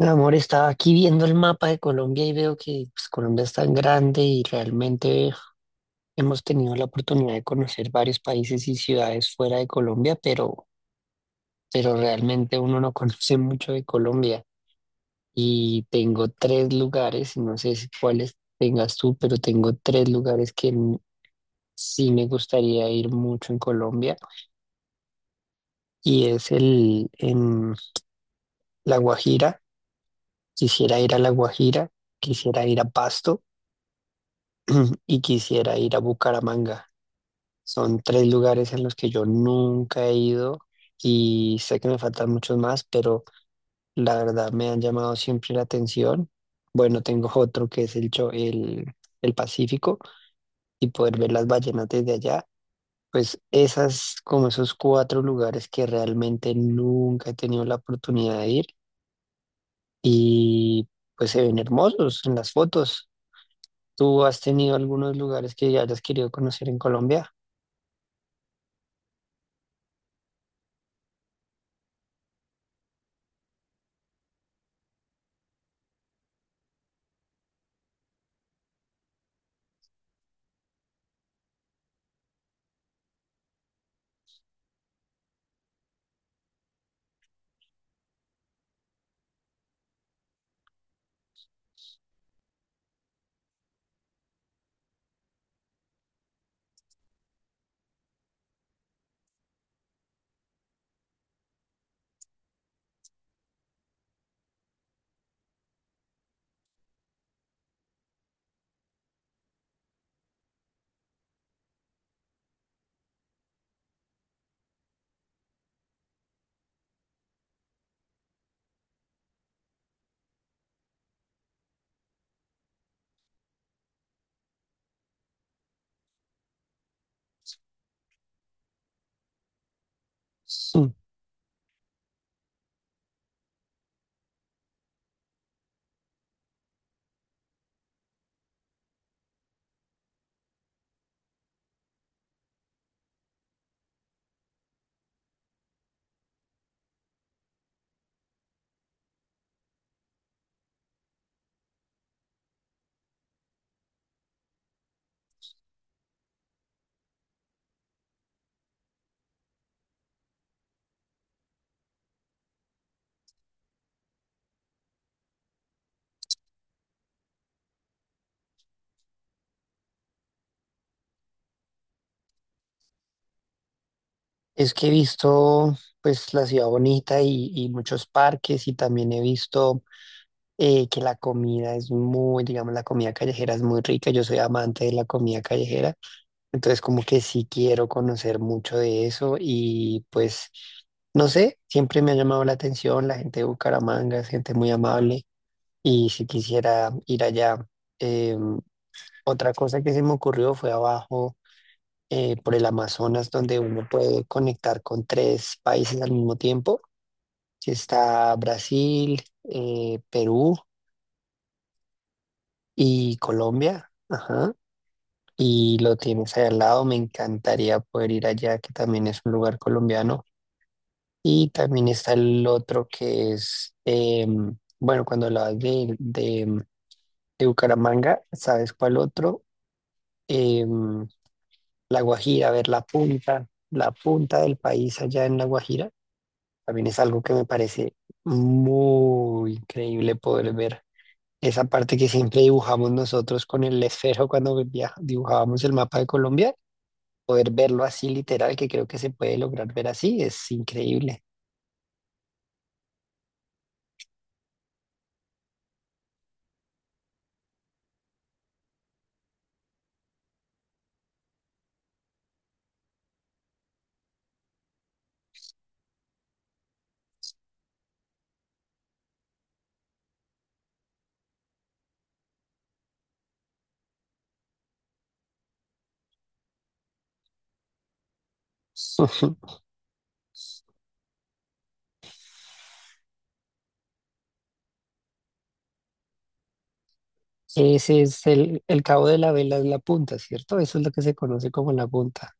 Mi amor, estaba aquí viendo el mapa de Colombia y veo que pues, Colombia es tan grande y realmente hemos tenido la oportunidad de conocer varios países y ciudades fuera de Colombia, pero realmente uno no conoce mucho de Colombia. Y tengo tres lugares, y no sé si cuáles tengas tú, pero tengo tres lugares que sí me gustaría ir mucho en Colombia. Y es el en La Guajira, quisiera ir a La Guajira, quisiera ir a Pasto y quisiera ir a Bucaramanga. Son tres lugares en los que yo nunca he ido y sé que me faltan muchos más, pero la verdad me han llamado siempre la atención. Bueno, tengo otro que es el Pacífico y poder ver las ballenas desde allá. Pues esas, como esos cuatro lugares que realmente nunca he tenido la oportunidad de ir y pues se ven hermosos en las fotos. ¿Tú has tenido algunos lugares que hayas querido conocer en Colombia? Es que he visto pues la ciudad bonita y muchos parques y también he visto que la comida es muy, digamos, la comida callejera es muy rica. Yo soy amante de la comida callejera, entonces como que sí quiero conocer mucho de eso y pues no sé, siempre me ha llamado la atención la gente de Bucaramanga, es gente muy amable y si quisiera ir allá. Em, Otra cosa que se me ocurrió fue abajo por el Amazonas, donde uno puede conectar con tres países al mismo tiempo, que está Brasil, Perú y Colombia, ajá, y lo tienes ahí al lado, me encantaría poder ir allá, que también es un lugar colombiano, y también está el otro que es, bueno, cuando hablabas de Bucaramanga, ¿sabes cuál otro? Em, La Guajira, a ver, la punta del país allá en La Guajira también es algo que me parece muy increíble poder ver. Esa parte que siempre dibujamos nosotros con el esfero cuando dibujábamos el mapa de Colombia, poder verlo así literal, que creo que se puede lograr ver así, es increíble. Ese es el cabo de la vela, es la punta, ¿cierto? Eso es lo que se conoce como la punta.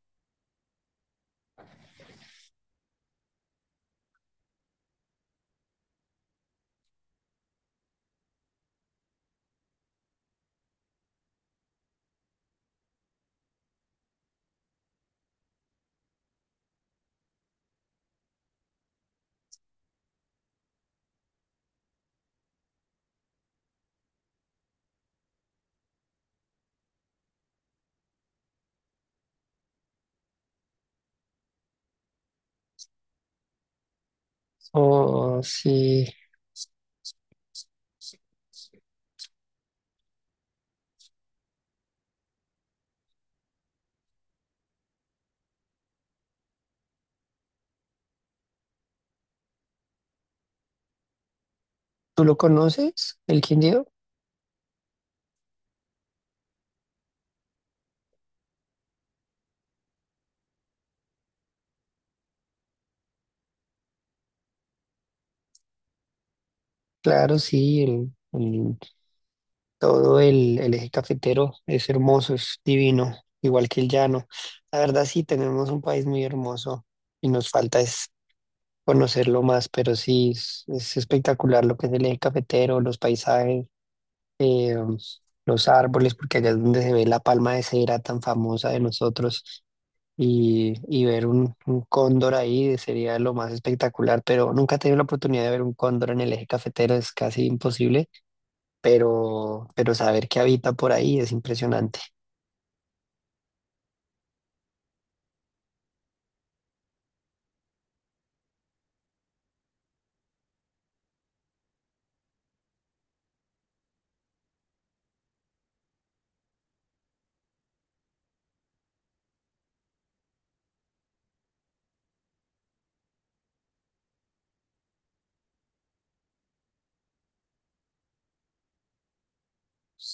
O si tú lo conoces, el Quindío, claro, sí, el todo, el eje cafetero es hermoso, es divino, igual que el llano. La verdad sí tenemos un país muy hermoso y nos falta es conocerlo más, pero sí es espectacular lo que es el eje cafetero, los paisajes, eh, los árboles, porque allá es donde se ve la palma de cera tan famosa de nosotros y ver un cóndor ahí sería lo más espectacular, pero nunca he tenido la oportunidad de ver un cóndor en el eje cafetero, es casi imposible pero saber que habita por ahí es impresionante.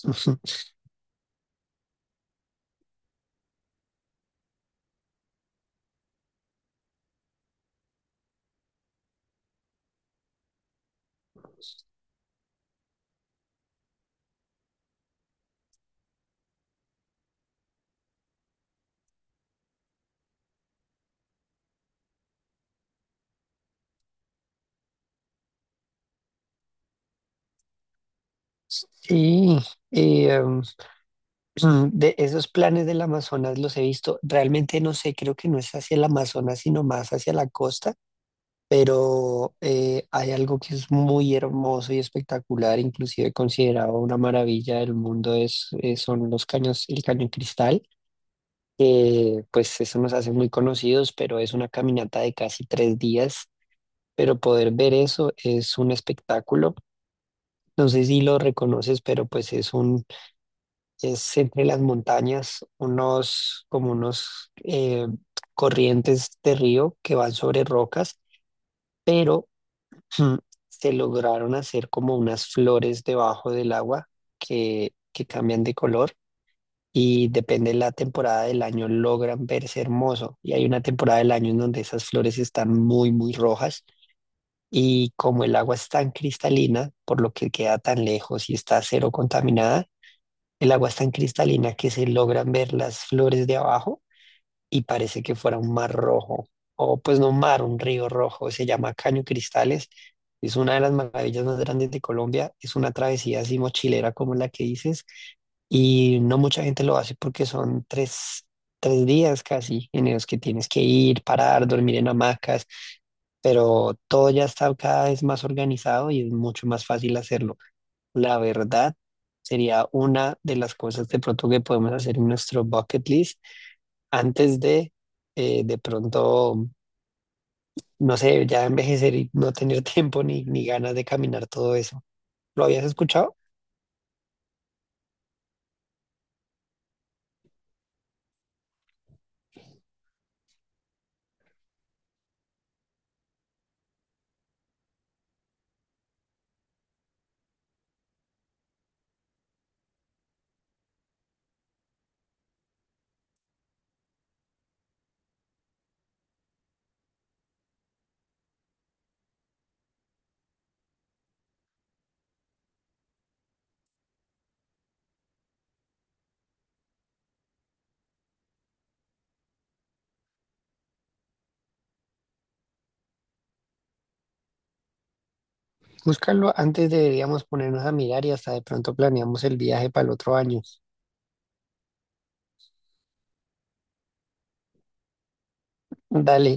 Sí y de esos planes del Amazonas los he visto, realmente no sé, creo que no es hacia el Amazonas, sino más hacia la costa, pero hay algo que es muy hermoso y espectacular, inclusive considerado una maravilla del mundo, es, son los caños, el cañón Cristal, que pues eso nos hace muy conocidos, pero es una caminata de casi tres días, pero poder ver eso es un espectáculo. No sé si lo reconoces, pero pues es un, es entre las montañas unos, como unos corrientes de río que van sobre rocas, pero mm, se lograron hacer como unas flores debajo del agua que cambian de color y depende de la temporada del año logran verse hermoso. Y hay una temporada del año en donde esas flores están muy, muy rojas. Y como el agua es tan cristalina, por lo que queda tan lejos y está cero contaminada, el agua es tan cristalina que se logran ver las flores de abajo y parece que fuera un mar rojo, o pues no un mar, un río rojo, se llama Caño Cristales, es una de las maravillas más grandes de Colombia, es una travesía así mochilera como la que dices, y no mucha gente lo hace porque son tres días casi en los que tienes que ir, parar, dormir en hamacas, pero todo ya está cada vez más organizado y es mucho más fácil hacerlo. La verdad sería una de las cosas de pronto que podemos hacer en nuestro bucket list antes de pronto, no sé, ya envejecer y no tener tiempo ni ganas de caminar todo eso. ¿Lo habías escuchado? Búscalo antes deberíamos ponernos a mirar y hasta de pronto planeamos el viaje para el otro año. Dale,